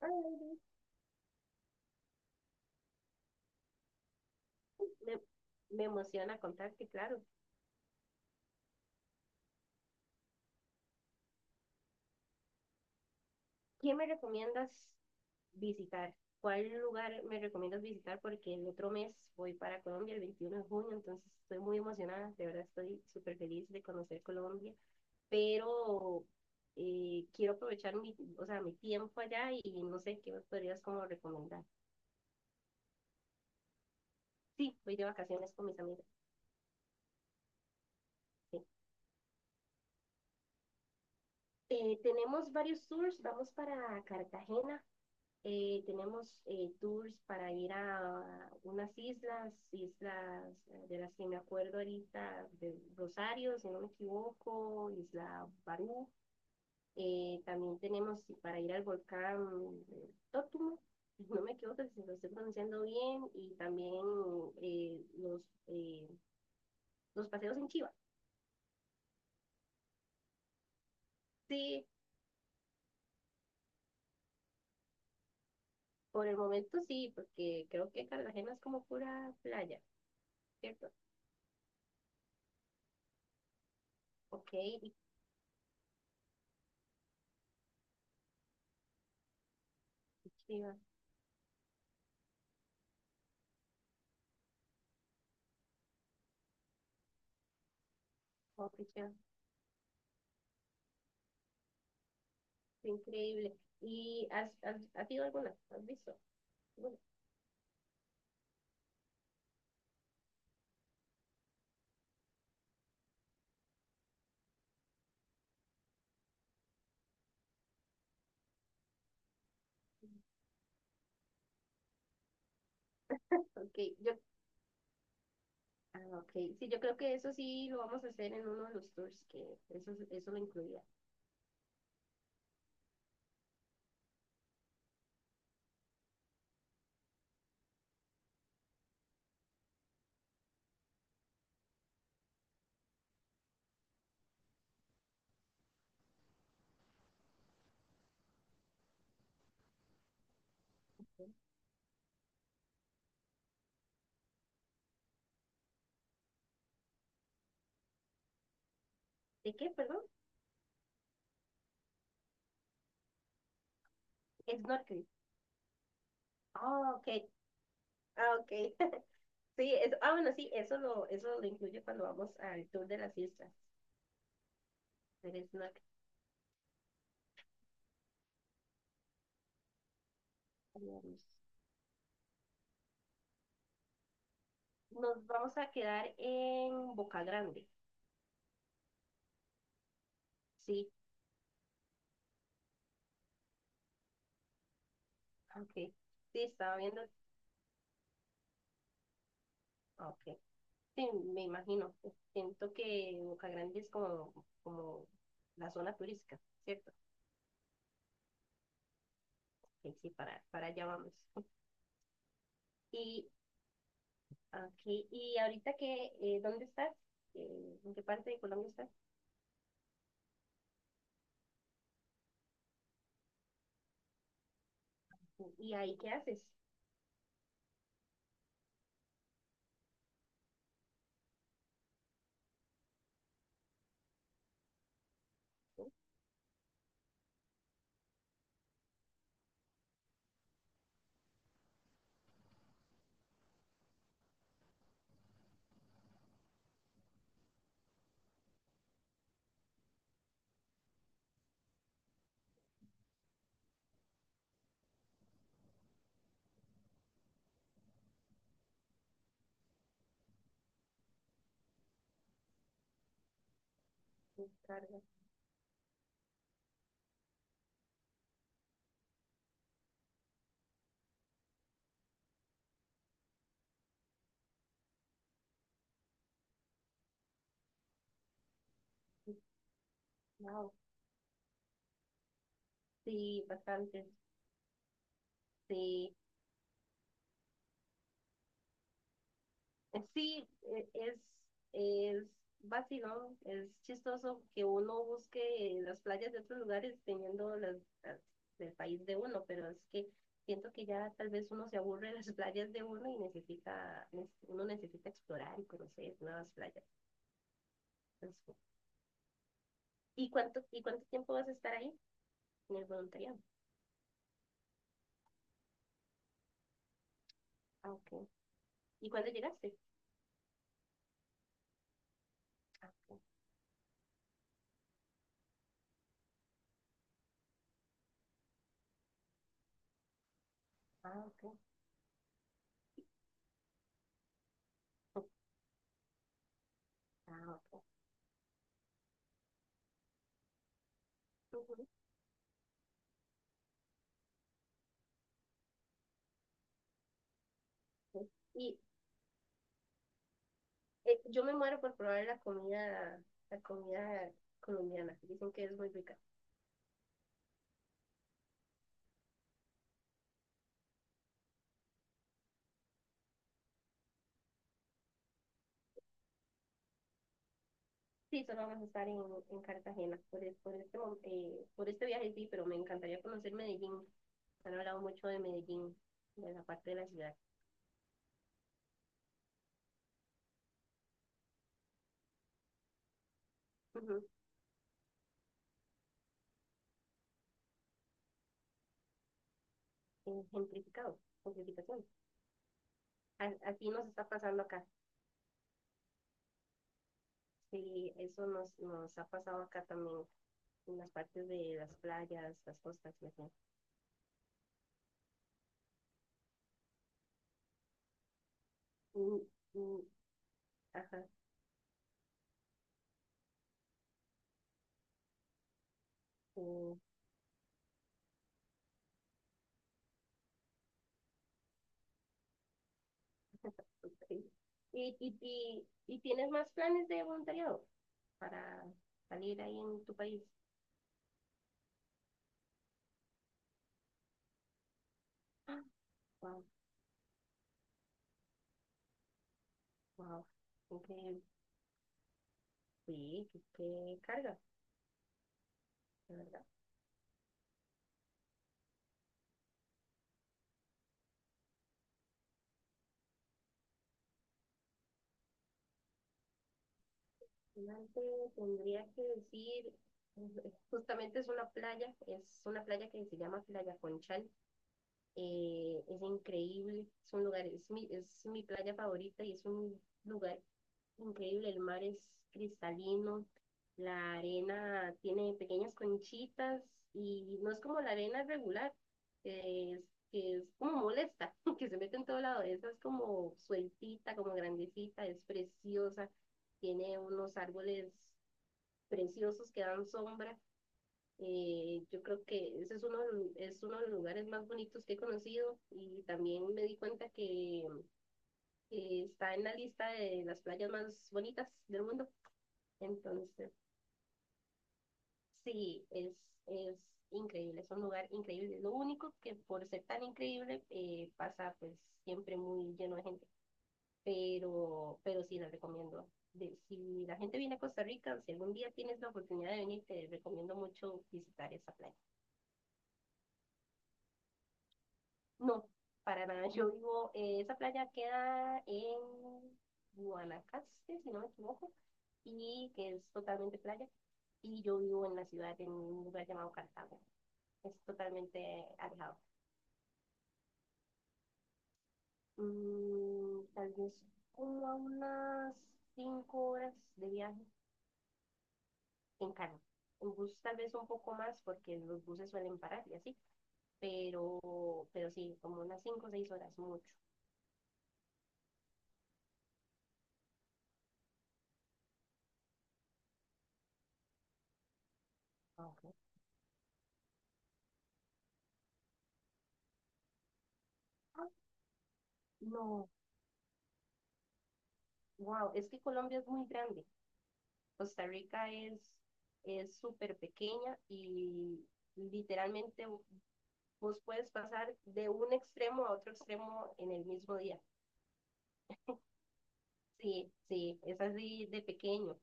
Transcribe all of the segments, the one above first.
Ay, Me, me emociona contarte, claro. ¿Qué me recomiendas visitar? ¿Cuál lugar me recomiendas visitar? Porque el otro mes voy para Colombia, el 21 de junio, entonces estoy muy emocionada, de verdad estoy súper feliz de conocer Colombia, pero quiero aprovechar mi, o sea, mi tiempo allá y no sé qué me podrías como recomendar. Sí, voy de vacaciones con mis amigas. Sí. Tenemos varios tours, vamos para Cartagena. Tenemos tours para ir a unas islas, islas de las que me acuerdo ahorita, de Rosario, si no me equivoco, Isla Barú. También tenemos para ir al volcán Tótumo, si no me equivoco si lo estoy pronunciando bien, y también eh, los, eh, los paseos en Chiva. Sí, por el momento sí, porque creo que Cartagena es como pura playa, ¿cierto? Ok, y Chiva, ok, Chiva. Increíble. ¿Y has ido alguna? ¿Has visto? Bueno, ok, yo, ah, ok. Sí, yo creo que eso sí lo vamos a hacer en uno de los tours, que eso lo incluía. ¿De qué, perdón? Snorkel. Ah, ok. Ah, ok. Sí, eso, ah, bueno, sí, eso lo incluye cuando vamos al tour de las islas. Del snorkel. Vamos. Nos vamos a quedar en Boca Grande. Sí, ok. Sí, estaba viendo. Ok. Sí, me imagino. Pues, siento que Boca Grande es como, como la zona turística, ¿cierto? Sí, sí, para allá vamos. Y, aquí, y ahorita que, ¿dónde estás? ¿En qué parte de Colombia estás? ¿Y ahí qué haces? Carga. Wow. Sí, bastante. Sí. eh, sí, eh, es, es vacilón, es chistoso que uno busque las playas de otros lugares teniendo las del país de uno, pero es que siento que ya tal vez uno se aburre de las playas de uno y necesita, uno necesita explorar y conocer nuevas playas. Entonces, ¿y cuánto tiempo vas a estar ahí en el voluntariado? Ah, ok. ¿Y cuándo llegaste? Ah, ok. Ah, ok. Ah, ok. Ujú. Sí. ¿Y, yo me muero por probar la comida colombiana. Que dicen que es muy rica. Sí, solo vamos a estar en Cartagena por, por este, por este viaje, sí, pero me encantaría conocer Medellín. Han hablado mucho de Medellín, de la parte de la ciudad. Ujú. Gentrificado, gentrificación. Aquí nos está pasando acá. Sí, eso nos ha pasado acá también, en las partes de las playas, las costas y así. Mm, mm, ajá. eh, Ok. ¿Y, y tienes más planes de voluntariado para salir ahí en tu país? Ah, wow, wow. Increíble. Sí, qué, qué carga, la verdad. Adelante tendría que decir, justamente es una playa que se llama Playa Conchal. Es increíble, es un lugar, es es mi playa favorita y es un lugar increíble, el mar es cristalino, la arena tiene pequeñas conchitas y no es como la arena regular, que es, que es como molesta, que se mete en todo lado. Esa es como sueltita, como grandecita, es preciosa, tiene unos árboles preciosos que dan sombra. Yo creo que ese es uno, es uno de los lugares más bonitos que he conocido y también me di cuenta que está en la lista de las playas más bonitas del mundo. Entonces, sí, es increíble, es un lugar increíble. Lo único que por ser tan increíble pasa pues siempre muy lleno de gente, pero sí les recomiendo. Si la gente viene a Costa Rica, si algún día tienes la oportunidad de venir, te recomiendo mucho visitar esa playa. No, para nada, yo vivo, esa playa queda en Guanacaste, si no me equivoco, y que es totalmente playa, y yo vivo en la ciudad, en un lugar llamado Cartago. Es totalmente alejado. Mm, tal vez como a unas 5 horas de viaje en carro. En bus tal vez un poco más porque los buses suelen parar y así, pero sí, como unas 5 o 6 horas, mucho. Ah, ok. Ah, no, wow, es que Colombia es muy grande. Costa Rica es súper pequeña y literalmente vos puedes pasar de un extremo a otro extremo en el mismo día. Sí, sí, es así de pequeño.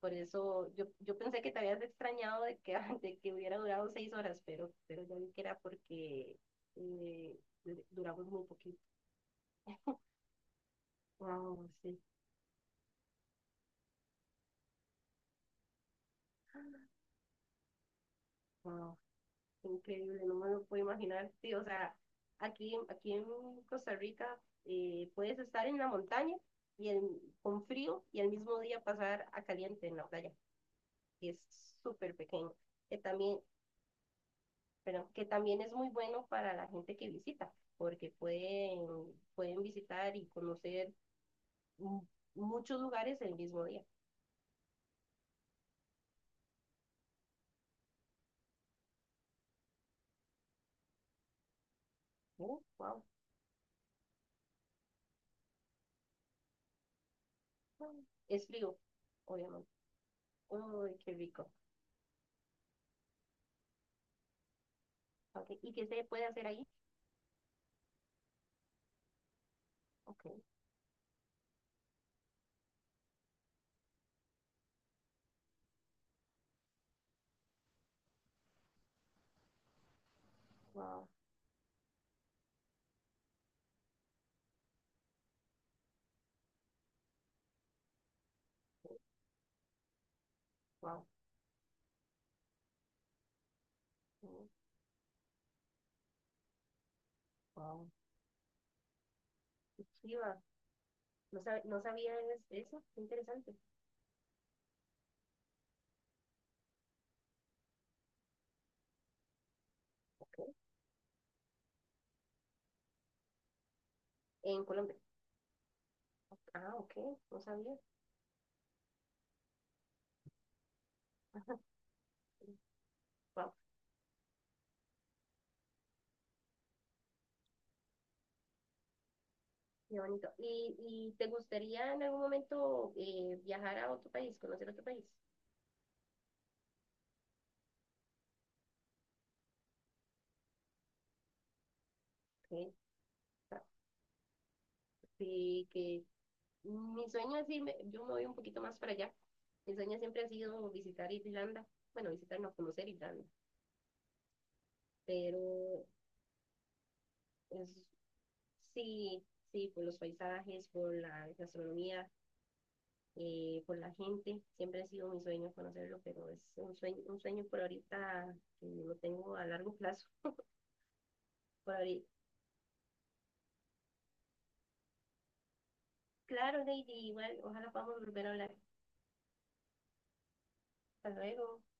Por eso yo, yo pensé que te habías extrañado de que, de que hubiera durado 6 horas, pero ya vi que era porque eh, duramos muy poquito. Wow, sí, wow, increíble, no me lo puedo imaginar. Sí, o sea, aquí, aquí en Costa Rica puedes estar en la montaña y con frío y al mismo día pasar a caliente en la playa. Y es súper pequeño. También pero que también es muy bueno para la gente que visita, porque pueden, pueden visitar y conocer mu- muchos lugares el mismo día. Wow. Es frío, obviamente. Uy, qué rico. Okay. ¿Y qué se puede hacer ahí? Ok, wow, wow, wow. Qué chiva. No, no sabía eso, qué interesante. Okay. En Colombia. Ah, ok, no sabía. Wow, qué bonito. Y te gustaría en algún momento viajar a otro país, conocer otro país? Exacto. Sí, que mi sueño es irme, yo me voy un poquito más para allá. Mi sueño siempre ha sido visitar Irlanda. Bueno, visitar, no conocer Irlanda, pero es, sí, sí, por los paisajes, por la gastronomía, por la gente. Siempre ha sido mi sueño conocerlo, pero es un sueño por ahorita que lo tengo a largo plazo. Por ahorita. Claro, Lady, igual, ojalá podamos volver a hablar. Hasta luego.